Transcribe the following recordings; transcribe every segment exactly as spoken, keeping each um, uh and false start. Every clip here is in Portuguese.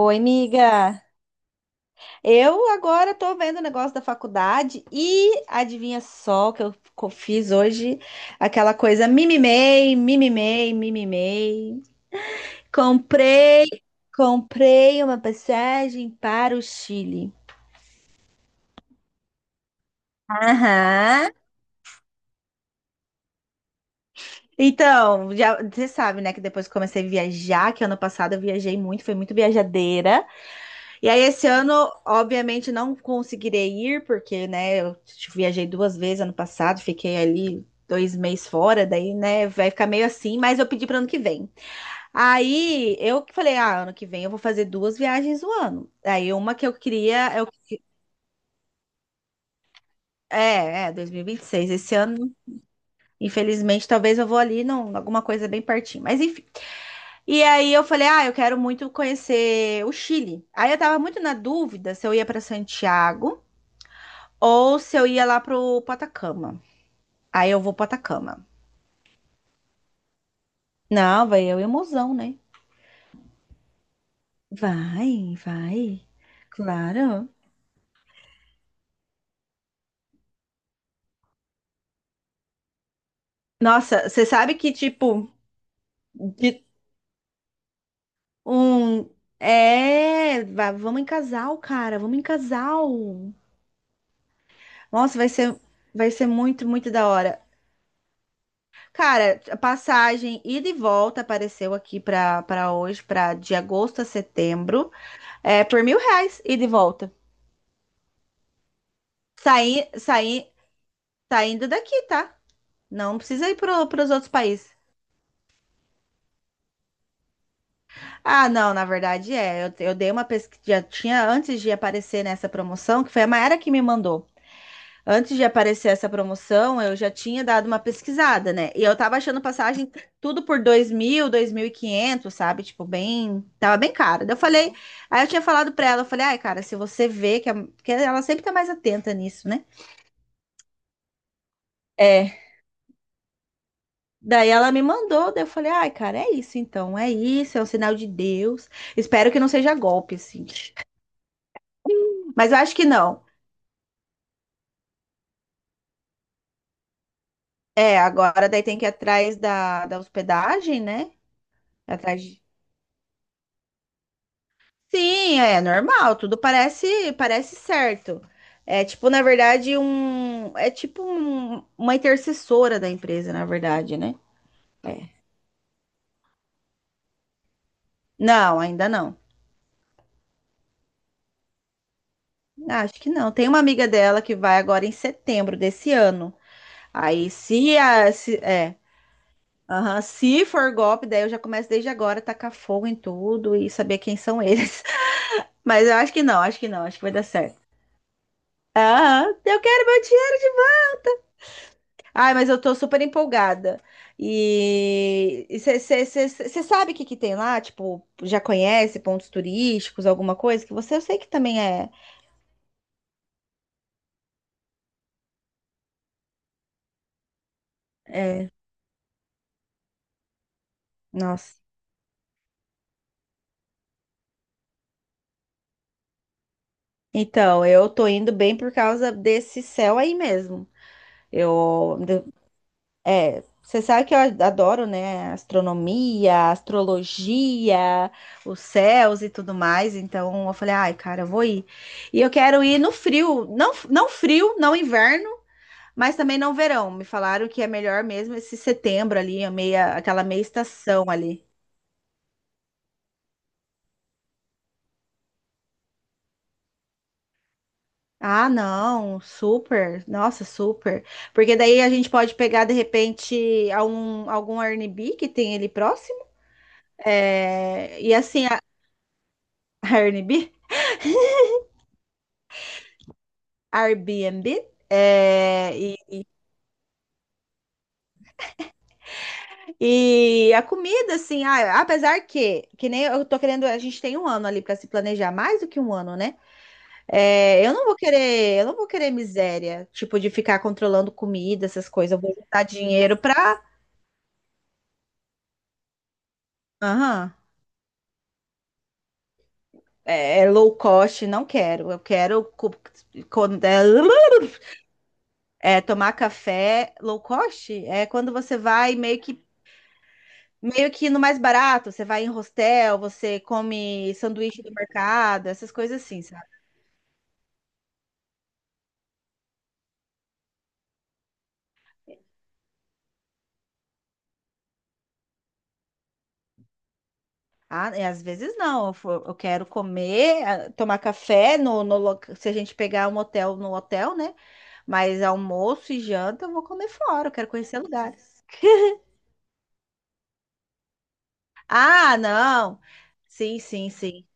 Oi, amiga. Eu agora tô vendo o negócio da faculdade e adivinha só que eu co- fiz hoje aquela coisa mimimei, mimimei, mimimei. Comprei, comprei uma passagem para o Chile. Aham. Então, já, você sabe, né, que depois que comecei a viajar, que ano passado eu viajei muito, fui muito viajadeira. E aí, esse ano, obviamente, não conseguirei ir, porque, né, eu viajei duas vezes ano passado, fiquei ali dois meses fora, daí, né, vai ficar meio assim, mas eu pedi para ano que vem. Aí, eu que falei, ah, ano que vem eu vou fazer duas viagens no ano. Aí, uma que eu queria, eu, é, é, dois mil e vinte e seis, esse ano, infelizmente, talvez eu vou ali, não, alguma coisa bem pertinho, mas enfim. E aí, eu falei, ah, eu quero muito conhecer o Chile. Aí, eu tava muito na dúvida se eu ia para Santiago, ou se eu ia lá pro pro Atacama. Aí eu vou pro Atacama. Não, vai eu e o mozão, né? Vai, vai. Claro. Nossa, você sabe que, tipo, de um. É, va- vamos em casal, cara, vamos em casal. Nossa, vai ser, vai ser muito, muito da hora. Cara, a passagem ida e volta apareceu aqui pra, pra hoje, pra de agosto a setembro, é por mil reais, ida e volta. Saí, saí, saindo daqui, tá? Não precisa ir para os outros países. Ah, não, na verdade é. Eu, eu dei uma pesquisa. Já tinha antes de aparecer nessa promoção, que foi a Maera que me mandou. Antes de aparecer essa promoção, eu já tinha dado uma pesquisada, né? E eu tava achando passagem tudo por dois dois mil, dois mil e quinhentos, sabe? Tipo, bem. Tava bem caro. Daí eu falei. Aí eu tinha falado pra ela, eu falei, ai, cara, se você vê que, a- que ela sempre tá mais atenta nisso, né? É, daí ela me mandou, daí eu falei, ai, cara, é isso então, é isso, é um sinal de Deus. Espero que não seja golpe, assim. Mas eu acho que não. É, agora daí tem que ir atrás da, da hospedagem, né? Atrás de... Sim, é normal, tudo parece parece certo. É tipo, na verdade, um. É tipo um- uma intercessora da empresa, na verdade, né? É. Não, ainda não. Acho que não. Tem uma amiga dela que vai agora em setembro desse ano. Aí, se a, se, é, aham. Se for golpe, daí eu já começo desde agora a tacar fogo em tudo e saber quem são eles. Mas eu acho que não, acho que não, acho que vai dar certo. Aham, eu quero meu dinheiro de volta. Ai, mas eu tô super empolgada. E você sabe o que que tem lá? Tipo, já conhece pontos turísticos, alguma coisa? Que você eu sei que também é. Nossa. Então, eu tô indo bem por causa desse céu aí mesmo. Eu É, você sabe que eu adoro, né? Astronomia, astrologia, os céus e tudo mais. Então eu falei, ai, cara, eu vou ir. E eu quero ir no frio, não, não frio, não inverno, mas também não verão. Me falaram que é melhor mesmo esse setembro ali, a meia, aquela meia estação ali. Ah, não, super, nossa, super. Porque daí a gente pode pegar de repente algum, algum Airbnb que tem ali próximo. É, e assim, a Airbnb. Airbnb. É, e, e a comida, assim, ah, apesar que, que nem eu tô querendo, a gente tem um ano ali pra se planejar, mais do que um ano, né? É, eu não vou querer, eu não vou querer miséria, tipo, de ficar controlando comida, essas coisas. Eu vou juntar dinheiro pra. Aham. É, é low cost, não quero. Eu quero co- co- é, é, tomar café low cost. É quando você vai meio que Meio que no mais barato, você vai em hostel, você come sanduíche do mercado, essas coisas assim, sabe? Ah, e às vezes não, eu fo- eu quero comer, ah, tomar café no, no loca- se a gente pegar um hotel no hotel, né? Mas almoço e janta eu vou comer fora, eu quero conhecer lugares. Ah, não. Sim, sim, sim.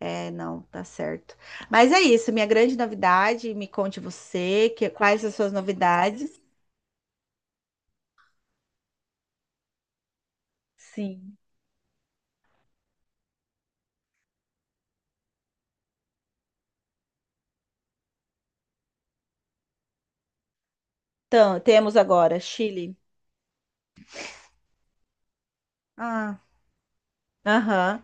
É, não, tá certo. Mas é isso, minha grande novidade, me conte você, que, quais as suas novidades? Sim. Então, temos agora Chile. Ah. Aham.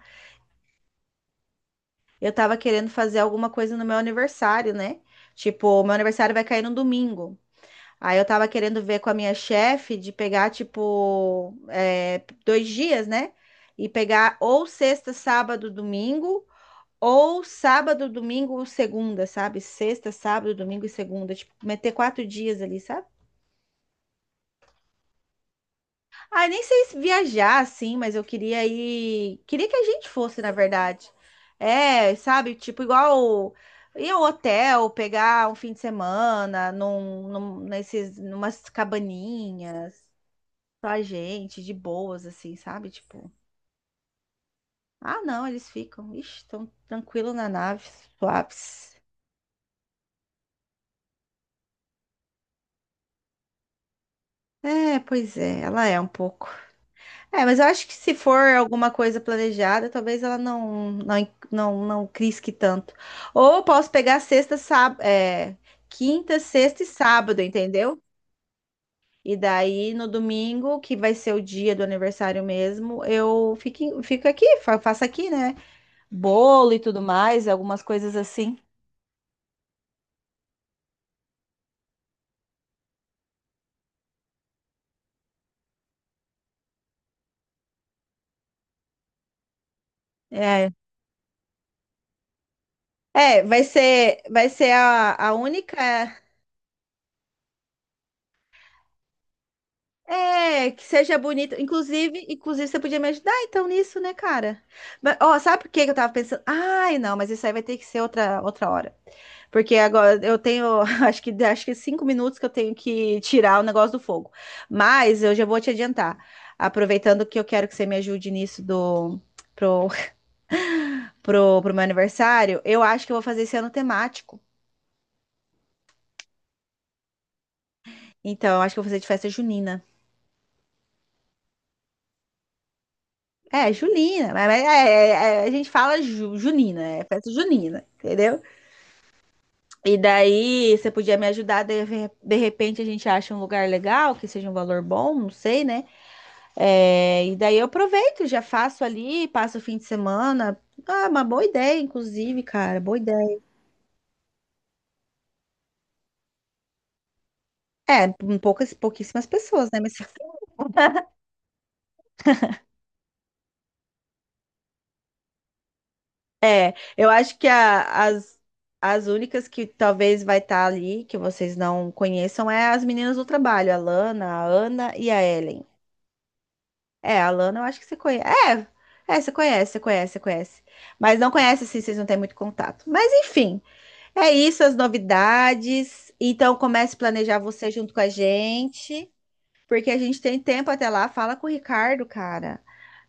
Eu tava querendo fazer alguma coisa no meu aniversário, né? Tipo, meu aniversário vai cair no domingo. Aí eu tava querendo ver com a minha chefe de pegar, tipo, é, dois dias, né? E pegar ou sexta, sábado, domingo, ou sábado, domingo, segunda, sabe? Sexta, sábado, domingo e segunda. Tipo, meter quatro dias ali, sabe? Ah, nem sei se viajar assim, mas eu queria ir. Queria que a gente fosse, na verdade. É, sabe? Tipo, igual ir ao hotel, pegar um fim de semana num, num, nesses, numas cabaninhas, só a gente, de boas, assim, sabe? Tipo, ah, não, eles ficam, ixi, tão tranquilo na nave, suaves. É, pois é, ela é um pouco. É, mas eu acho que se for alguma coisa planejada, talvez ela não não não, não crisque tanto. Ou eu posso pegar sexta, sábado, é, quinta, sexta e sábado, entendeu? E daí no domingo, que vai ser o dia do aniversário mesmo, eu fico, em- fico aqui, fa- faço aqui, né? Bolo e tudo mais, algumas coisas assim. É, é, vai ser vai ser a, a única. É, que seja bonito. Inclusive, inclusive, você podia me ajudar então nisso, né, cara? Mas, ó, sabe por que que eu tava pensando? Ai, não, mas isso aí vai ter que ser outra, outra hora. Porque agora eu tenho, acho que, acho que é cinco minutos que eu tenho que tirar o negócio do fogo. Mas eu já vou te adiantar. Aproveitando que eu quero que você me ajude nisso do, pro, pro, pro meu aniversário, eu acho que eu vou fazer esse ano temático. Então, eu acho que eu vou fazer de festa junina. É, Junina, mas mas é- é- é- a gente fala ju- Junina, é festa junina, entendeu? E daí você podia me ajudar, de, re- de repente a gente acha um lugar legal, que seja um valor bom, não sei, né? É, e daí eu aproveito, já faço ali, passo o fim de semana. Ah, uma boa ideia, inclusive, cara, boa ideia. É, um poucas, pouquíssimas pessoas, né? Mas é, eu acho que a- as, as únicas que talvez vai estar ali, que vocês não conheçam, é as meninas do trabalho, a Lana, a Ana e a Ellen. É, a Lana, eu acho que você conhece. É, é, você conhece, você conhece, você conhece. Mas não conhece, assim, vocês não têm muito contato. Mas, enfim, é isso, as novidades. Então, comece a planejar você junto com a gente, porque a gente tem tempo até lá. Fala com o Ricardo, cara.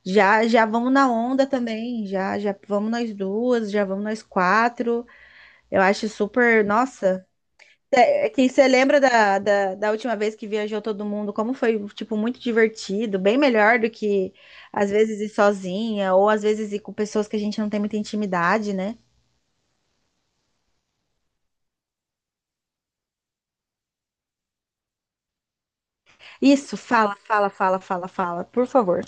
Já, já vamos na onda também. Já, já vamos nós duas, já vamos nós quatro. Eu acho super. Nossa. É é que você lembra da, da, da última vez que viajou todo mundo, como foi, tipo, muito divertido, bem melhor do que às vezes ir sozinha, ou às vezes ir com pessoas que a gente não tem muita intimidade, né? Isso, fala, fala, fala, fala, fala, por favor.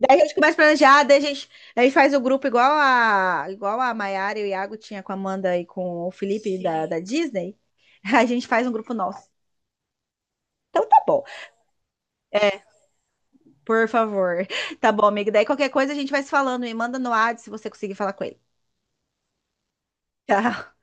Daí a gente começa a planejar, daí a gente, daí faz o grupo igual a, igual a Mayara e o Iago tinha com a Amanda e com o Felipe da, da Disney. A gente faz um grupo nosso. Então tá bom. É. Por favor. Tá bom, amigo. Daí qualquer coisa a gente vai se falando. E manda no WhatsApp se você conseguir falar com ele. Tchau.